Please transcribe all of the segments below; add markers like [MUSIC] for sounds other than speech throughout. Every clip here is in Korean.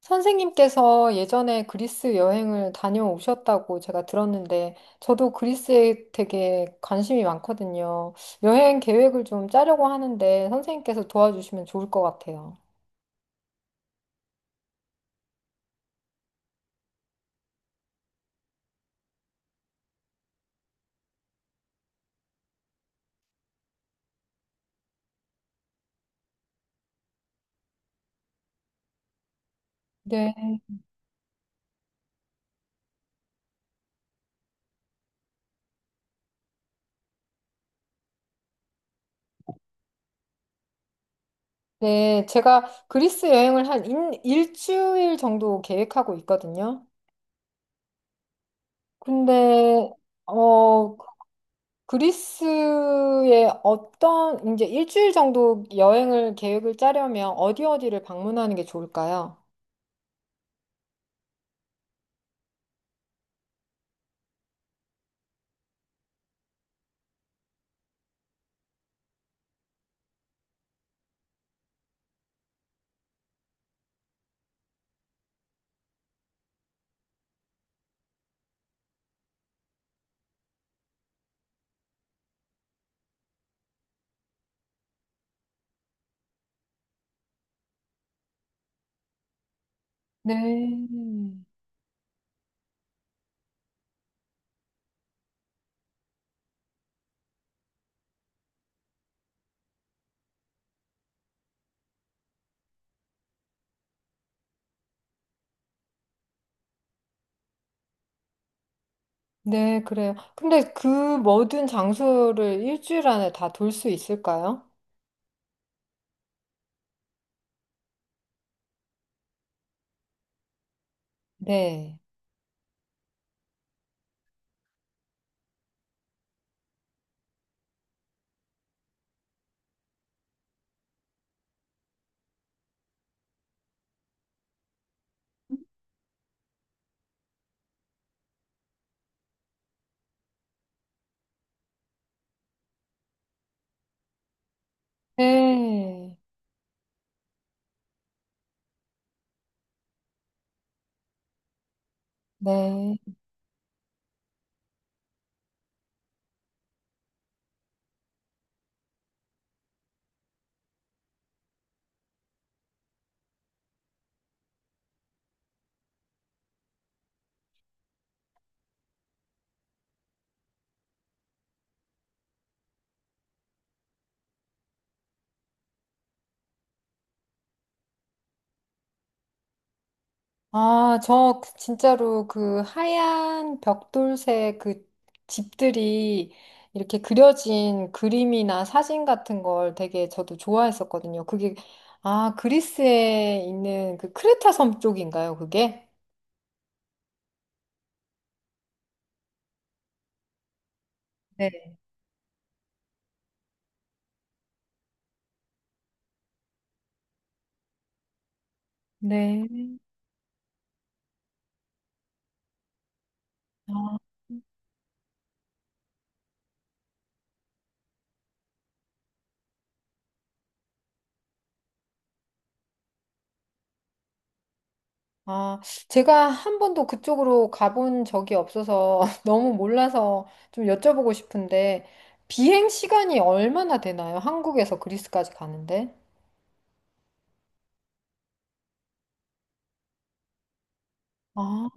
선생님께서 예전에 그리스 여행을 다녀오셨다고 제가 들었는데, 저도 그리스에 되게 관심이 많거든요. 여행 계획을 좀 짜려고 하는데, 선생님께서 도와주시면 좋을 것 같아요. 네. 네, 제가 그리스 여행을 한 일주일 정도 계획하고 있거든요. 근데, 어, 그리스에 어떤, 이제 일주일 정도 여행을 계획을 짜려면 어디 어디를 방문하는 게 좋을까요? 네. 네, 그래요. 근데 그 모든 장소를 일주일 안에 다 돌 수 있을까요? 네. 네. 네. 아, 저그 진짜로 그 하얀 벽돌색 그 집들이 이렇게 그려진 그림이나 사진 같은 걸 되게 저도 좋아했었거든요. 그게, 아, 그리스에 있는 그 크레타 섬 쪽인가요, 그게? 네. 네. 아. 아, 제가 한 번도 그쪽으로 가본 적이 없어서 [LAUGHS] 너무 몰라서 좀 여쭤보고 싶은데, 비행 시간이 얼마나 되나요? 한국에서 그리스까지 가는데? 아,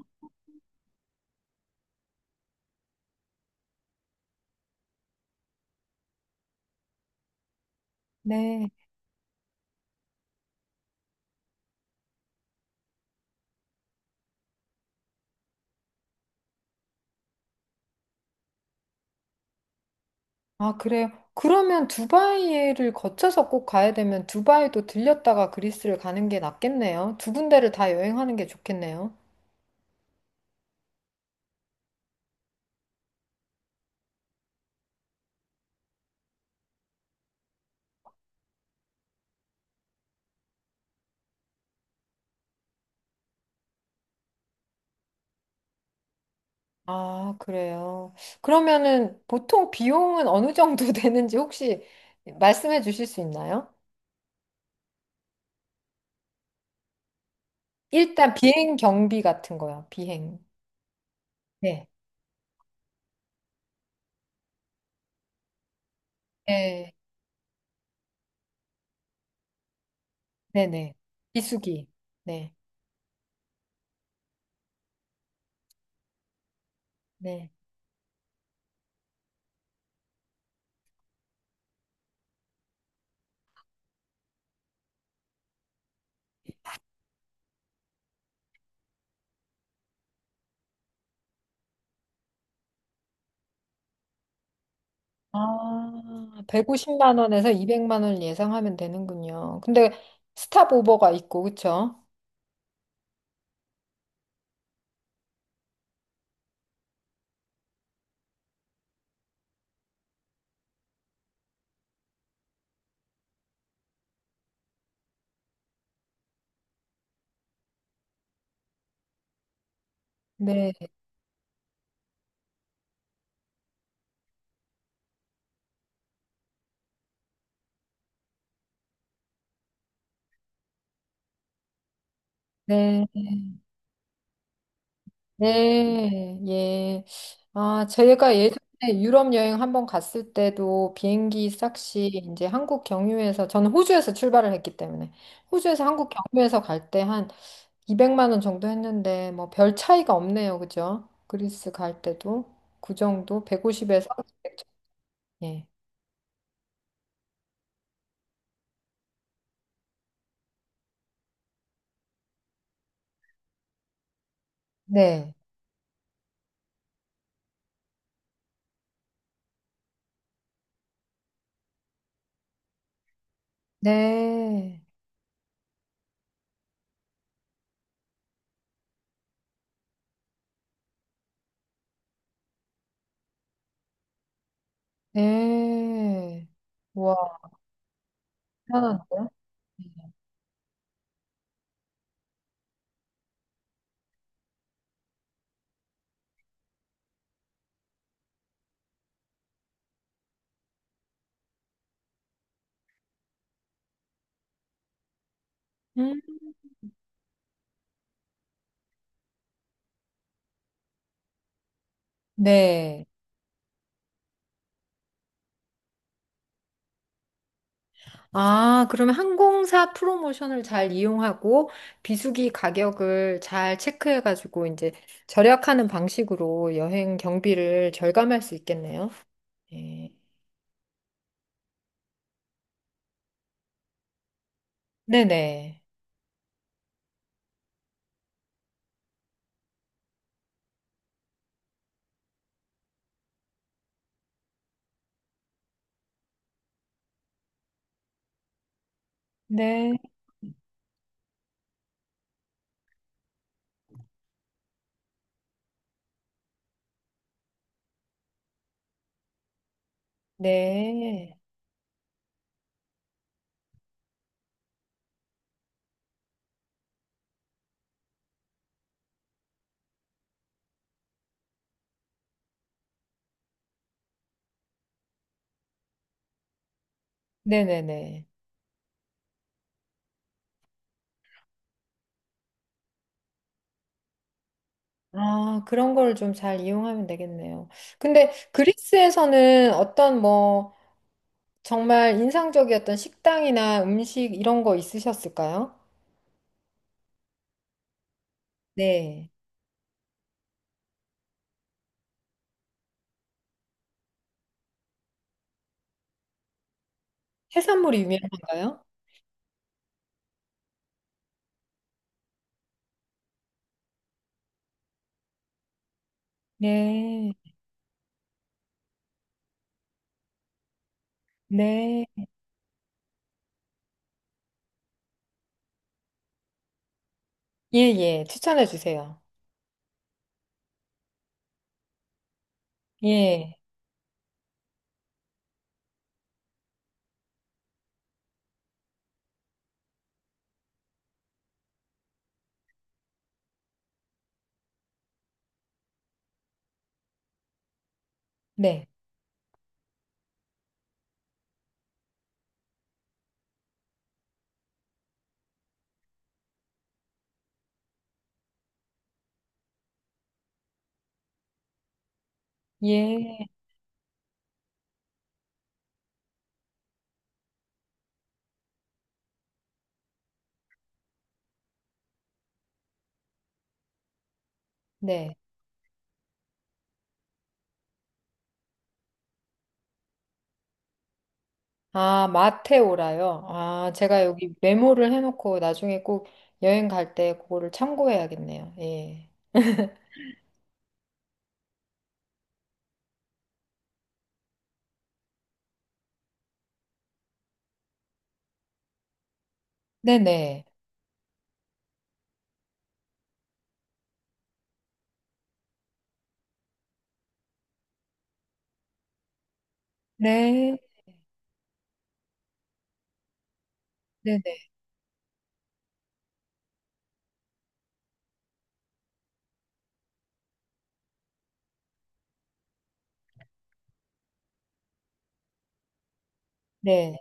네. 아, 그래요. 그러면 두바이를 거쳐서 꼭 가야 되면 두바이도 들렸다가 그리스를 가는 게 낫겠네요. 두 군데를 다 여행하는 게 좋겠네요. 아, 그래요. 그러면은 보통 비용은 어느 정도 [LAUGHS] 되는지 혹시 말씀해 주실 수 있나요? 일단 비행 경비 같은 거요. 비행. 네. 네. 네네. 비수기. 네. 네. 아, 150만 원에서 200만 원을 예상하면 되는군요. 근데 스탑 오버가 있고, 그쵸? 네. 네. 네. 예. 아, 저희가 예전에 유럽 여행 한번 갔을 때도 비행기 싹시 이제 한국 경유해서 저는 호주에서 출발을 했기 때문에 호주에서 한국 경유해서 갈때한 200만 원 정도 했는데 뭐 별 차이가 없네요. 그죠? 그리스 갈 때도 그 정도 150에서 예. 네. 네. 네. 우와, 편한데요? 음, 네. 아, 그러면 항공사 프로모션을 잘 이용하고 비수기 가격을 잘 체크해가지고 이제 절약하는 방식으로 여행 경비를 절감할 수 있겠네요. 네. 네네. 네. 네. 네네네. 아, 그런 걸 좀 잘 이용하면 되겠네요. 근데 그리스에서는 어떤 뭐 정말 인상적이었던 식당이나 음식 이런 거 있으셨을까요? 네. 해산물이 유명한가요? 네. 네. 예, 예. 추천해 주세요. 예. 네. 예. 네. 아, 마테오라요. 아, 제가 여기 메모를 해놓고 나중에 꼭 여행 갈 때 그거를 참고해야겠네요. 예. 네네. 네. 네네. 네.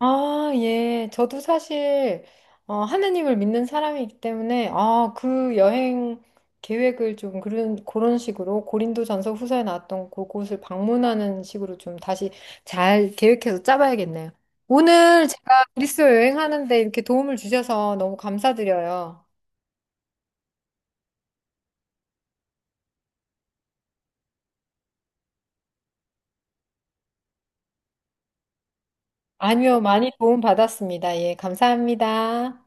아, 예. 저도 사실, 하느님을 믿는 사람이기 때문에, 아, 그 여행 계획을 좀 그런 식으로 고린도전서 후서에 나왔던 그곳을 방문하는 식으로 좀 다시 잘 계획해서 짜봐야겠네요. 오늘 제가 그리스 여행하는데 이렇게 도움을 주셔서 너무 감사드려요. 아니요, 많이 도움 받았습니다. 예, 감사합니다.